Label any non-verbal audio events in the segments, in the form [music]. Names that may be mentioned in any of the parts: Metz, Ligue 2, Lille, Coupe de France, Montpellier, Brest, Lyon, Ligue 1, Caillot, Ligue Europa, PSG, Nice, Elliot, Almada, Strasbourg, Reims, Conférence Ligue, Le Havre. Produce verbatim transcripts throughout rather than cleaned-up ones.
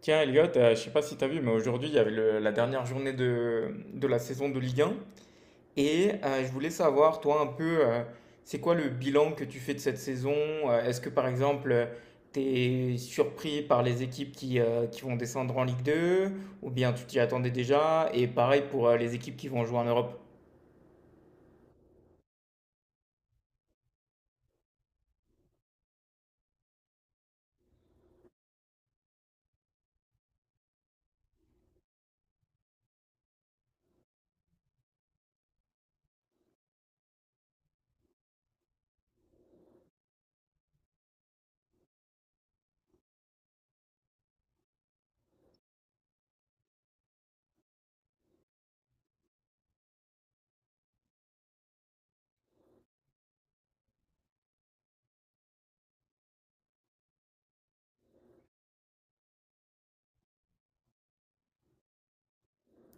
Tiens, Elliot, euh, je sais pas si tu as vu, mais aujourd'hui, il y avait le- la dernière journée de, de la saison de Ligue un. Et euh, je voulais savoir, toi, un peu, euh, c'est quoi le bilan que tu fais de cette saison? Euh, Est-ce que, par exemple, tu es surpris par les équipes qui, euh, qui vont descendre en Ligue deux? Ou bien tu t'y attendais déjà? Et pareil pour euh, les équipes qui vont jouer en Europe.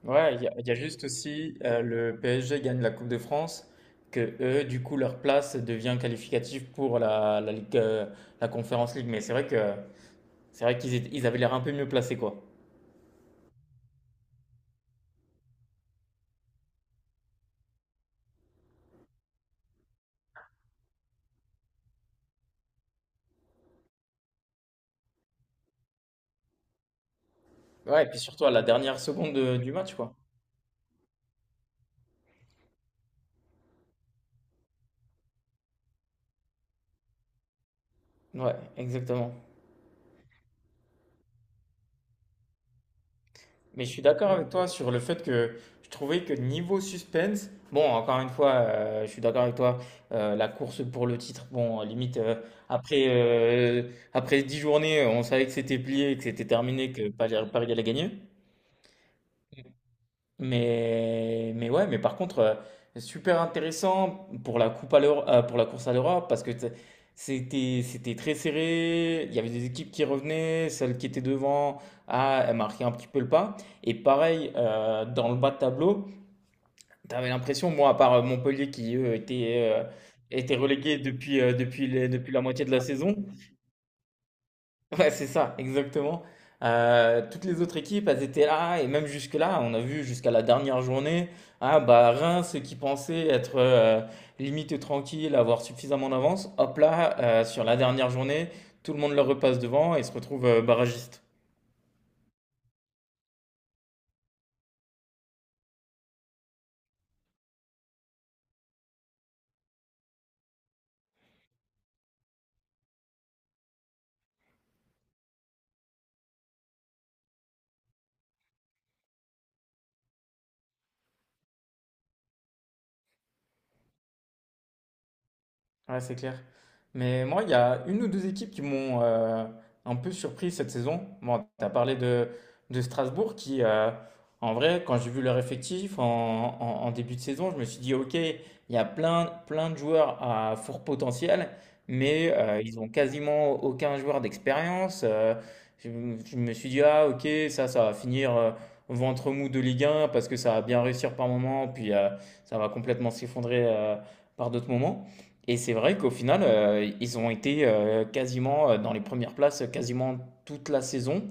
Ouais, il y, a il y a juste aussi euh, le P S G gagne la Coupe de France, que eux, du coup, leur place devient qualificative pour la, la Ligue, euh, la Conférence Ligue. Mais c'est vrai que C'est vrai qu'ils étaient- ils avaient l'air un peu mieux placés, quoi. Ouais, et puis surtout à la dernière seconde de- du match, quoi. Ouais, exactement. Mais je suis d'accord avec toi sur le fait que je trouvais que niveau suspense, bon, encore une fois, euh, je suis d'accord avec toi, euh, la course pour le titre, bon, limite, euh, après, euh, après dix journées, on savait que c'était plié, que c'était terminé, que Paris Paris allait gagner. Mais, mais ouais, mais par contre, euh, super intéressant pour la coupe à l'Euro- euh, pour la course à l'Europe parce que t- c'était, c'était très serré. Il y avait des équipes qui revenaient, celle qui était devant, ah, elle marquait un petit peu le pas. Et pareil, euh, dans le bas de tableau, t'avais l'impression, moi, à part euh, Montpellier qui, eux, était, euh, était relégué depuis, euh, depuis, les- depuis la moitié de la saison, [laughs] Ouais, c'est ça, exactement. Euh, toutes les autres équipes, elles étaient là, et même jusque-là, on a vu jusqu'à la dernière journée, ah bah Reims qui pensait être euh, limite tranquille, avoir suffisamment d'avance, hop là, euh, sur la dernière journée, tout le monde leur repasse devant et se retrouve euh, barragiste. Ouais, c'est clair. Mais moi, il y a une ou deux équipes qui m'ont euh, un peu surpris cette saison. Bon, tu as parlé de, de Strasbourg qui, euh, en vrai, quand j'ai vu leur effectif en, en- en début de saison, je me suis dit, OK, il y a plein, plein de joueurs à fort potentiel, mais euh, ils ont quasiment aucun joueur d'expérience. Euh, je, je me suis dit, ah, OK, ça, ça va finir euh, ventre mou de Ligue un parce que ça va bien réussir par moment, puis euh, ça va complètement s'effondrer euh, par d'autres moments. Et c'est vrai qu'au final, euh, ils ont été euh, quasiment euh, dans les premières places euh, quasiment toute la saison.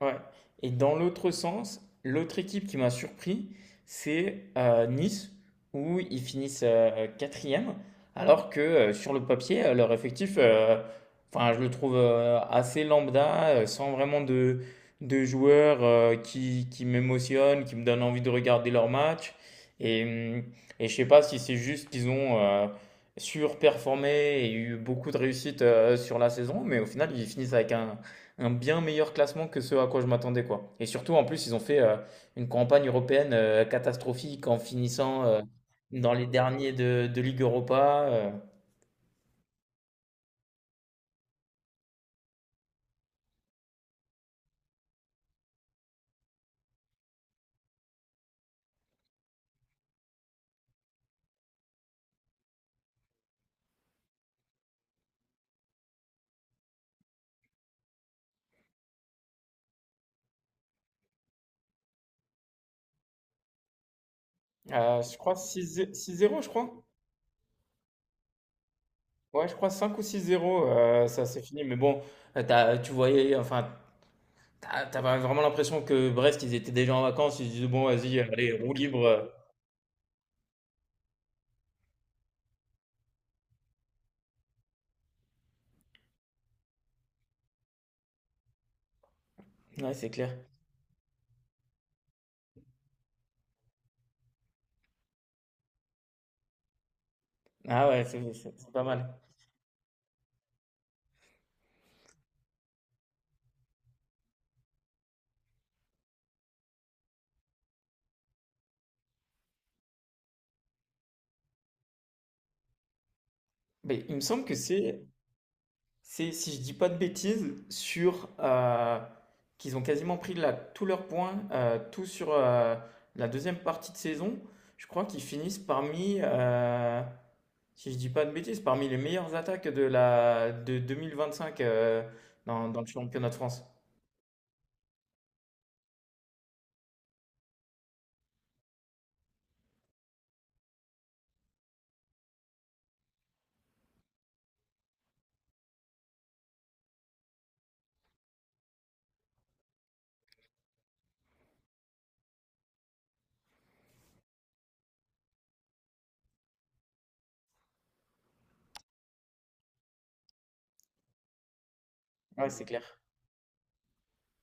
Ouais. Et dans l'autre sens, l'autre équipe qui m'a surpris, c'est euh, Nice, où ils finissent euh, quatrième, alors que euh, sur le papier, euh, leur effectif, euh, enfin, je le trouve euh, assez lambda, euh, sans vraiment de, de joueurs euh, qui, qui m'émotionnent, qui me donnent envie de regarder leur match. Et, hum, et je sais pas si c'est juste qu'ils ont euh, surperformé et eu beaucoup de réussite euh, sur la saison, mais au final, ils finissent avec un un bien meilleur classement que ce à quoi je m'attendais, quoi. Et surtout, en plus, ils ont fait euh, une campagne européenne euh, catastrophique en finissant euh, dans les derniers de, de Ligue Europa. Euh, à, je crois six zéro six je crois. Ouais, je crois cinq ou six zéro euh, ça c'est fini. Mais bon, euh, t'as- tu voyais, enfin, t'as- t'avais vraiment l'impression que Brest, ils étaient déjà en vacances. Ils se disaient, bon, vas-y, allez, roue libre. Ouais, c'est clair. Ah ouais, c'est c'est- c'est pas mal. Mais il me semble que c'est C'est, si je dis pas de bêtises, sur euh, qu'ils ont quasiment pris là, tous leurs points, euh, tout sur euh, la deuxième partie de saison. Je crois qu'ils finissent parmi, euh, si je dis pas de bêtises, parmi les meilleures attaques de la de deux mille vingt-cinq euh, dans, dans le championnat de France. Ouais, c'est clair.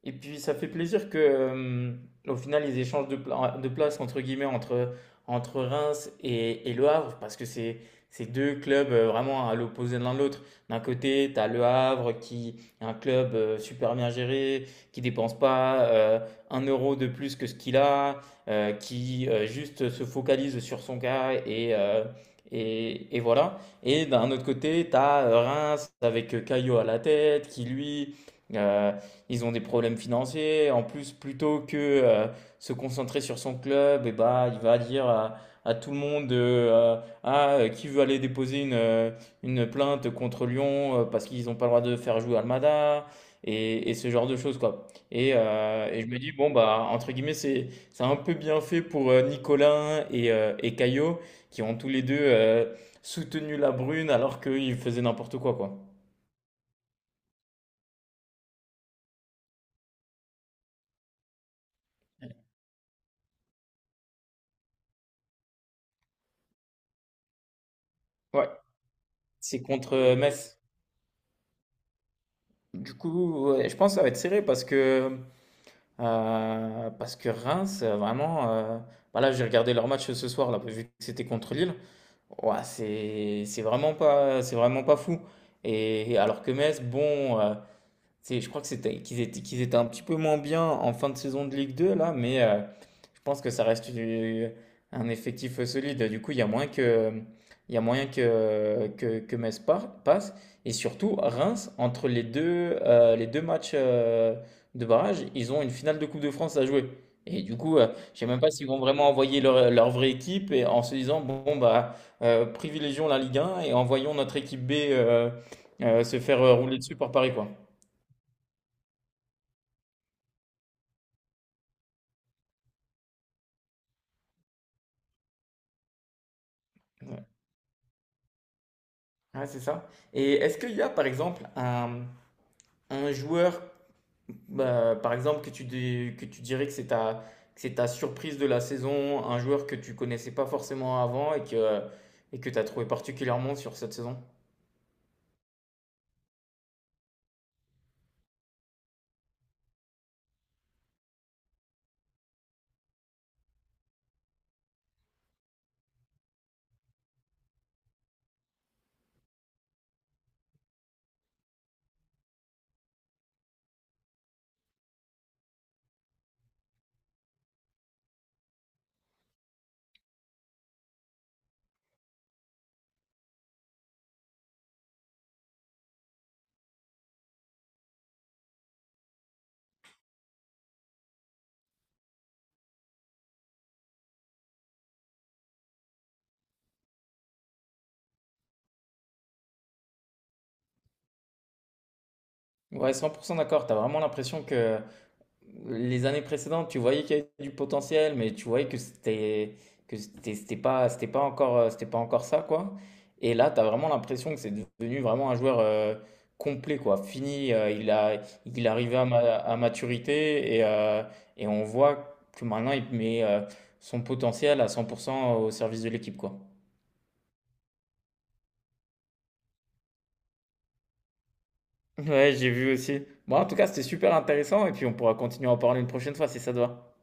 Et puis ça fait plaisir que, euh, au final, ils échangent de, pla- de place entre guillemets entre, entre Reims et, et Le Havre parce que c'est c'est deux clubs euh, vraiment à l'opposé de l'un de l'autre. D'un côté, tu as Le Havre qui est un club euh, super bien géré, qui dépense pas euh, un euro de plus que ce qu'il a, euh, qui euh, juste se focalise sur son cas et, euh, et, et voilà. Et d'un autre côté, tu as Reims avec Caillot à la tête qui lui. euh, Ils ont des problèmes financiers. En plus, plutôt que euh, se concentrer sur son club, et bah, il va dire à, à tout le monde euh, euh, Ah, euh, qui veut aller déposer une, euh, une plainte contre Lyon euh, parce qu'ils n'ont pas le droit de faire jouer Almada et, et ce genre de choses, quoi. Et, euh, et je me dis, bon, bah, entre guillemets, c'est, c'est un peu bien fait pour euh, Nicolas et, euh, et Caio qui ont tous les deux euh, soutenu la Brune alors qu'ils faisaient n'importe quoi, quoi. Ouais, c'est contre euh, Metz. Du coup, ouais, je pense que ça va être serré parce que, euh, parce que Reims, euh, vraiment, euh, bah là, j'ai regardé leur match ce soir, là, vu que c'était contre Lille. Ouais, c'est, c'est vraiment pas, c'est vraiment pas fou. Et alors que Metz, bon, euh, c'est, je crois que c'était, qu'ils étaient, qu'ils étaient un petit peu moins bien en fin de saison de Ligue deux, là, mais, euh, je pense que ça reste du- un effectif solide. Du coup, il y a moyen que, il y a moyen que, que, que Metz par- passe. Et surtout, Reims, entre les deux, euh, les deux matchs euh, de barrage, ils ont une finale de Coupe de France à jouer. Et du coup, euh, je ne sais même pas s'ils vont vraiment envoyer leur, leur vraie équipe et en se disant, bon, bah, euh, privilégions la Ligue un et envoyons notre équipe B euh, euh, se faire euh, rouler dessus par Paris, quoi. Ouais, Ouais, c'est ça. Et est-ce qu'il y a, par exemple, un, un joueur Bah, par exemple, que tu, dis- que tu dirais que c'est ta, que c'est ta surprise de la saison, un joueur que tu connaissais pas forcément avant et que, et que tu as trouvé particulièrement sur cette saison. Ouais, cent pour cent d'accord. Tu as vraiment l'impression que, les années précédentes, tu voyais qu'il y avait du potentiel, mais tu voyais que c'était que c'était c'était pas c'était pas encore euh, c'était pas encore ça quoi. Et là, tu as vraiment l'impression que c'est devenu vraiment un joueur euh, complet quoi. Fini, euh, il a Il est arrivé à, ma- à maturité et euh, et on voit que maintenant il met euh, son potentiel à cent pour cent au service de l'équipe quoi. Ouais, j'ai vu aussi. Bon, en tout cas, c'était super intéressant et puis on pourra continuer à en parler une prochaine fois si ça te va.